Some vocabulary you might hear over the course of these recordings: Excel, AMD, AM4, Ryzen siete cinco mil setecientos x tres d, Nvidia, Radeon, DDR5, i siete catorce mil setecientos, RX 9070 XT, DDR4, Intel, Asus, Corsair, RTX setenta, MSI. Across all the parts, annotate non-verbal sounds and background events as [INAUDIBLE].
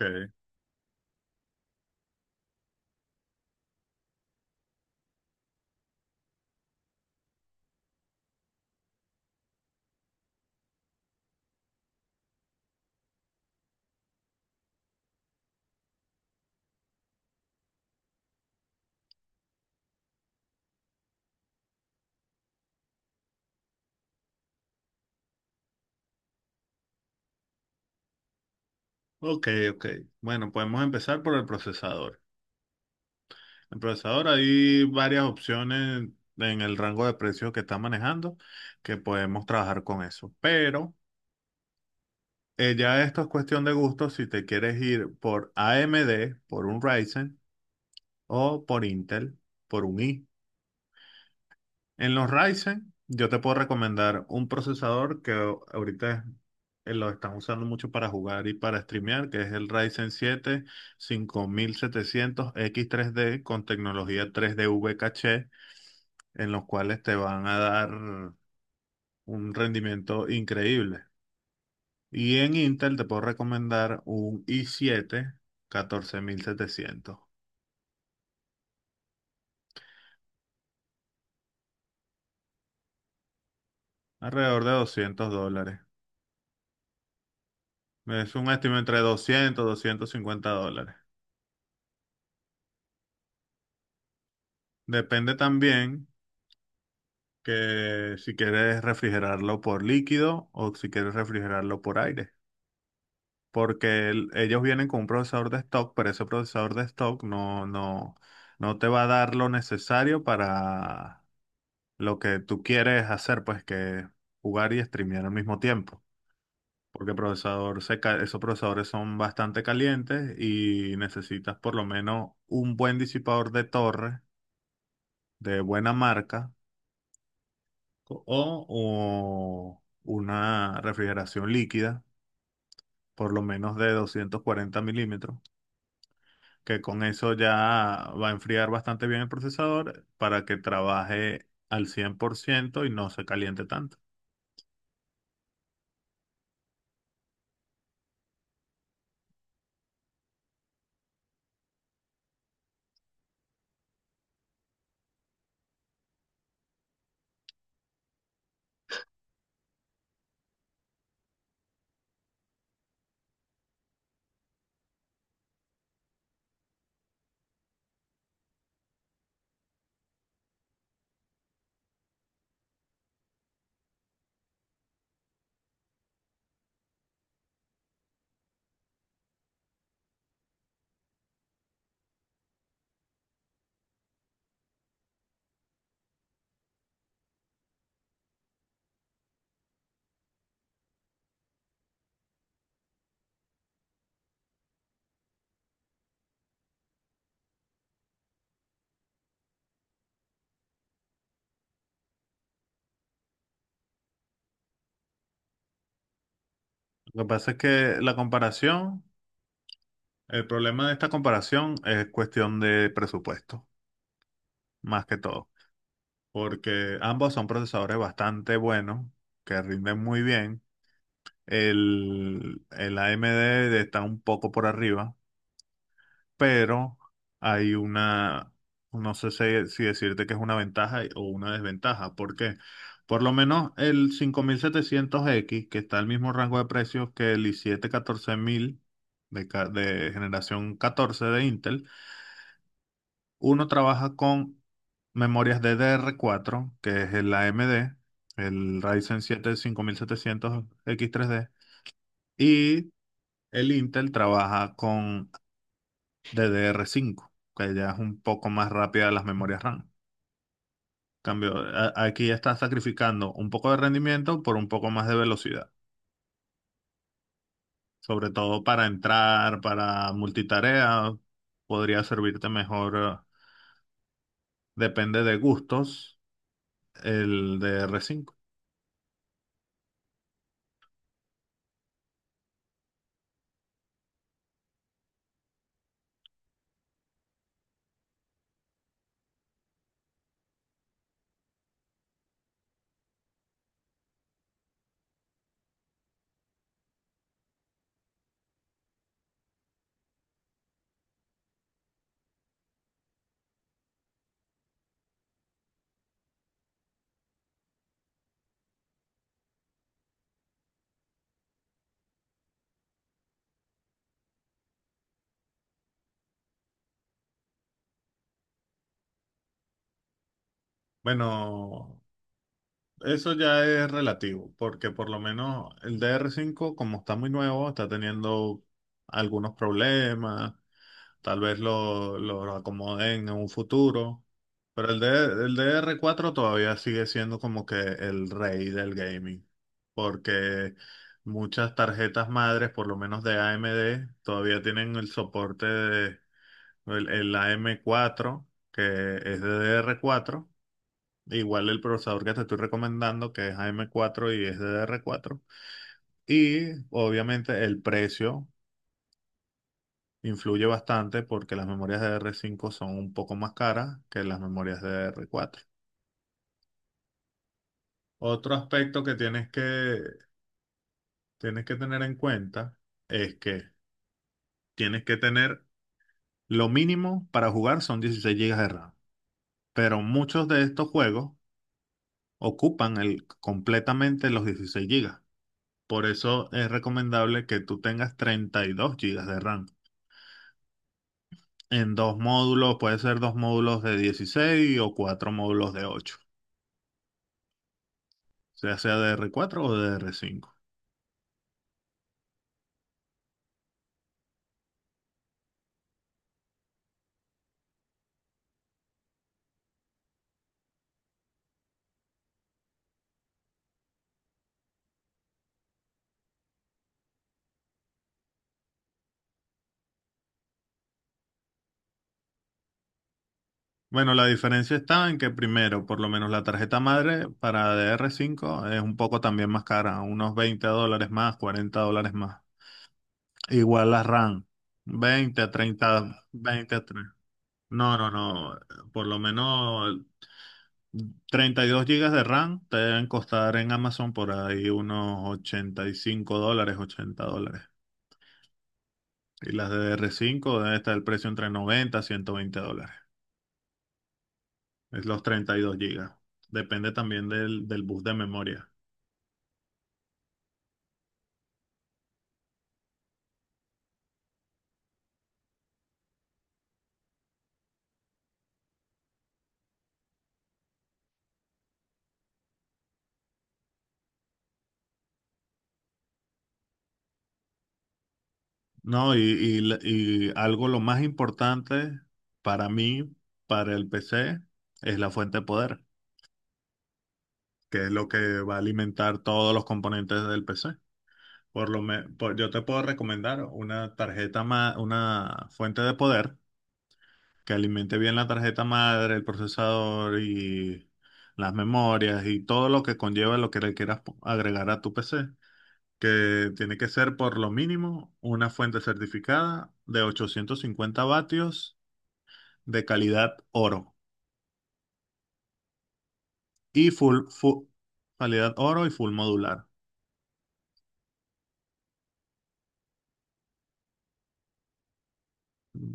Okay, ok, ok. Bueno, podemos empezar por el procesador. El procesador hay varias opciones en el rango de precios que está manejando que podemos trabajar con eso. Pero ya esto es cuestión de gusto si te quieres ir por AMD, por un Ryzen o por Intel, por un i. En los Ryzen, yo te puedo recomendar un procesador que ahorita lo están usando mucho para jugar y para streamear, que es el Ryzen 7 5700X3D con tecnología 3D V caché, en los cuales te van a dar un rendimiento increíble. Y en Intel te puedo recomendar un i7 14700, alrededor de $200. Es un estimado entre 200 y $250. Depende también que si quieres refrigerarlo por líquido o si quieres refrigerarlo por aire, porque ellos vienen con un procesador de stock, pero ese procesador de stock no, no, no te va a dar lo necesario para lo que tú quieres hacer, pues que jugar y streamear al mismo tiempo. Porque el procesador esos procesadores son bastante calientes y necesitas por lo menos un buen disipador de torre de buena marca o, o una refrigeración líquida, por lo menos de 240 mm, que con eso ya va a enfriar bastante bien el procesador para que trabaje al 100% y no se caliente tanto. Lo que pasa es que la comparación, el problema de esta comparación es cuestión de presupuesto, más que todo, porque ambos son procesadores bastante buenos, que rinden muy bien. El AMD está un poco por arriba, pero hay una, no sé si decirte que es una ventaja o una desventaja. ¿Por qué? Por lo menos el 5700X que está al mismo rango de precios que el i7 14000 de generación 14 de Intel, uno trabaja con memorias ddr cuatro que es el AMD, el Ryzen siete cinco mil setecientos x 3 d y el Intel trabaja con DDR5, que ya es un poco más rápida las memorias RAM. Cambio, aquí estás sacrificando un poco de rendimiento por un poco más de velocidad, sobre todo para entrar, para multitarea, podría servirte mejor, depende de gustos, el DDR5. Bueno, eso ya es relativo, porque por lo menos el DDR5, como está muy nuevo, está teniendo algunos problemas. Tal vez lo acomoden en un futuro. Pero el dr cuatro todavía sigue siendo como que el rey del gaming. Porque muchas tarjetas madres, por lo menos de AMD, todavía tienen el soporte de el am cuatro que es ddr cuatro. Igual el procesador que te estoy recomendando, que es am cuatro y es ddr cuatro. Y obviamente el precio influye bastante porque las memorias de r cinco son un poco más caras que las memorias de r cuatro. Otro aspecto que tienes que tener en cuenta es que tienes que tener lo mínimo para jugar son 16 gigas de RAM, pero muchos de estos juegos ocupan el, completamente los 16 gigas. Por eso es recomendable que tú tengas 32 gigas de RAM. En dos módulos, puede ser dos módulos de 16 o cuatro módulos de 8. Ya sea dr cuatro o dr cinco. Bueno, la diferencia está en que primero, por lo menos la tarjeta madre para dr cinco es un poco también más cara, unos $20 más, $40 más. Igual la RAM, 20 a 30, 20 a 30. No, no, no, por lo menos 32 gigas de RAM te deben costar en Amazon por ahí unos $85, $80. Y las de DR5 debe estar el precio entre 90 a $120. Es los 32 gigas. Depende también del bus de memoria. No, y algo lo más importante para mí, para el PC, es la fuente de poder, que es lo que va a alimentar todos los componentes del PC. Por lo me- por- yo te puedo recomendar una una fuente de poder que alimente bien la tarjeta madre, el procesador y las memorias y todo lo que conlleva lo que le quieras agregar a tu PC que tiene que ser por lo mínimo una fuente certificada de 850 vatios de calidad oro y calidad oro y full modular.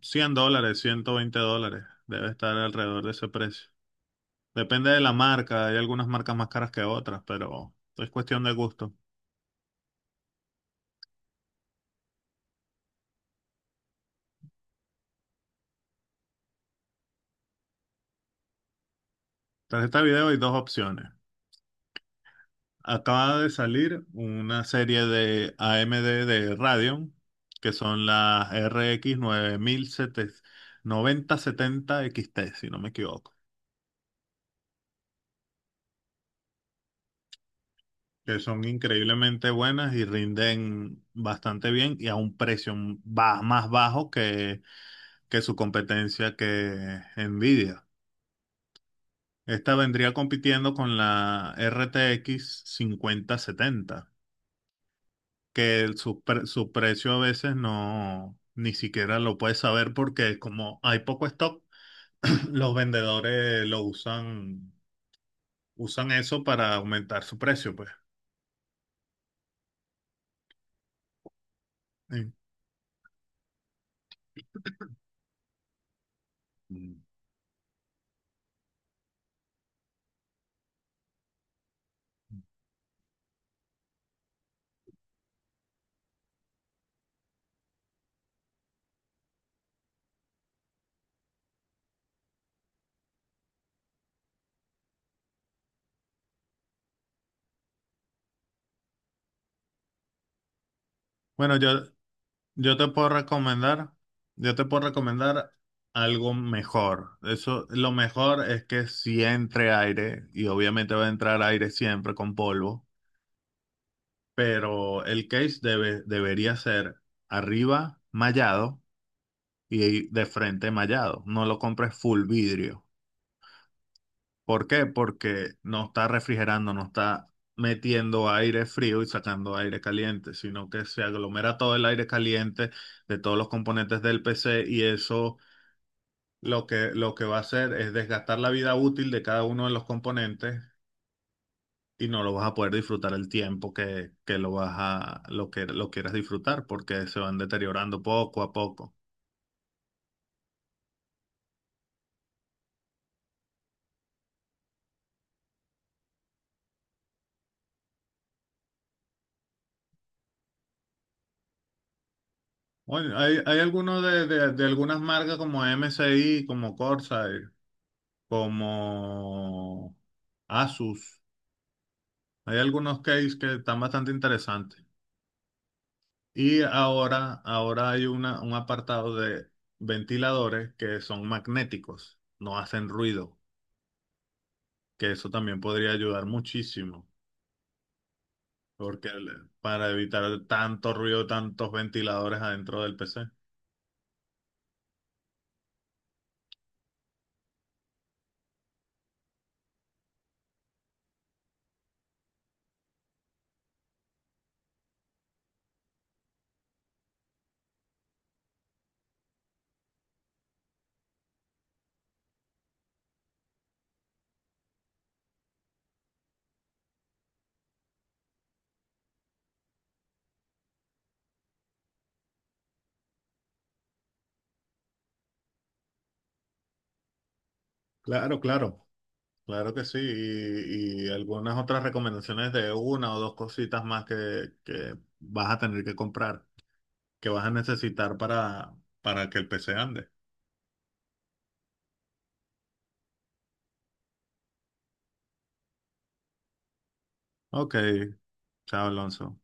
$100, $120, debe estar alrededor de ese precio. Depende de la marca, hay algunas marcas más caras que otras, pero es cuestión de gusto. Tarjeta de video hay dos opciones. Acaba de salir una serie de AMD de Radeon, que son las RX 9070 XT, si no me equivoco, que son increíblemente buenas y rinden bastante bien y a un precio más bajo que su competencia que Nvidia. Esta vendría compitiendo con la RTX 70 que su precio a veces no, ni siquiera lo puedes saber porque como hay poco stock, [CLEARS THROAT] los vendedores lo usan, usan eso para aumentar su precio, pues. Sí. Mm. Bueno, yo te puedo recomendar, yo te puedo recomendar algo mejor. Eso, lo mejor es que si entre aire, y obviamente va a entrar aire siempre con polvo, pero el case debería ser arriba mallado y de frente mallado. No lo compres full vidrio. ¿Por qué? Porque no está refrigerando, no está metiendo aire frío y sacando aire caliente, sino que se aglomera todo el aire caliente de todos los componentes del PC y eso lo que va a hacer es desgastar la vida útil de cada uno de los componentes y no lo vas a poder disfrutar el tiempo que lo que lo quieras disfrutar porque se van deteriorando poco a poco. Bueno, hay algunos de algunas marcas como MSI, como Corsair, como Asus. Hay algunos case que están bastante interesantes. Y ahora hay un apartado de ventiladores que son magnéticos, no hacen ruido, que eso también podría ayudar muchísimo, porque para evitar tanto ruido, tantos ventiladores adentro del PC. Claro, claro. Claro que sí, y algunas otras recomendaciones de una o dos cositas más que vas a tener que comprar, que vas a necesitar para que el PC ande. Ok, chao Alonso.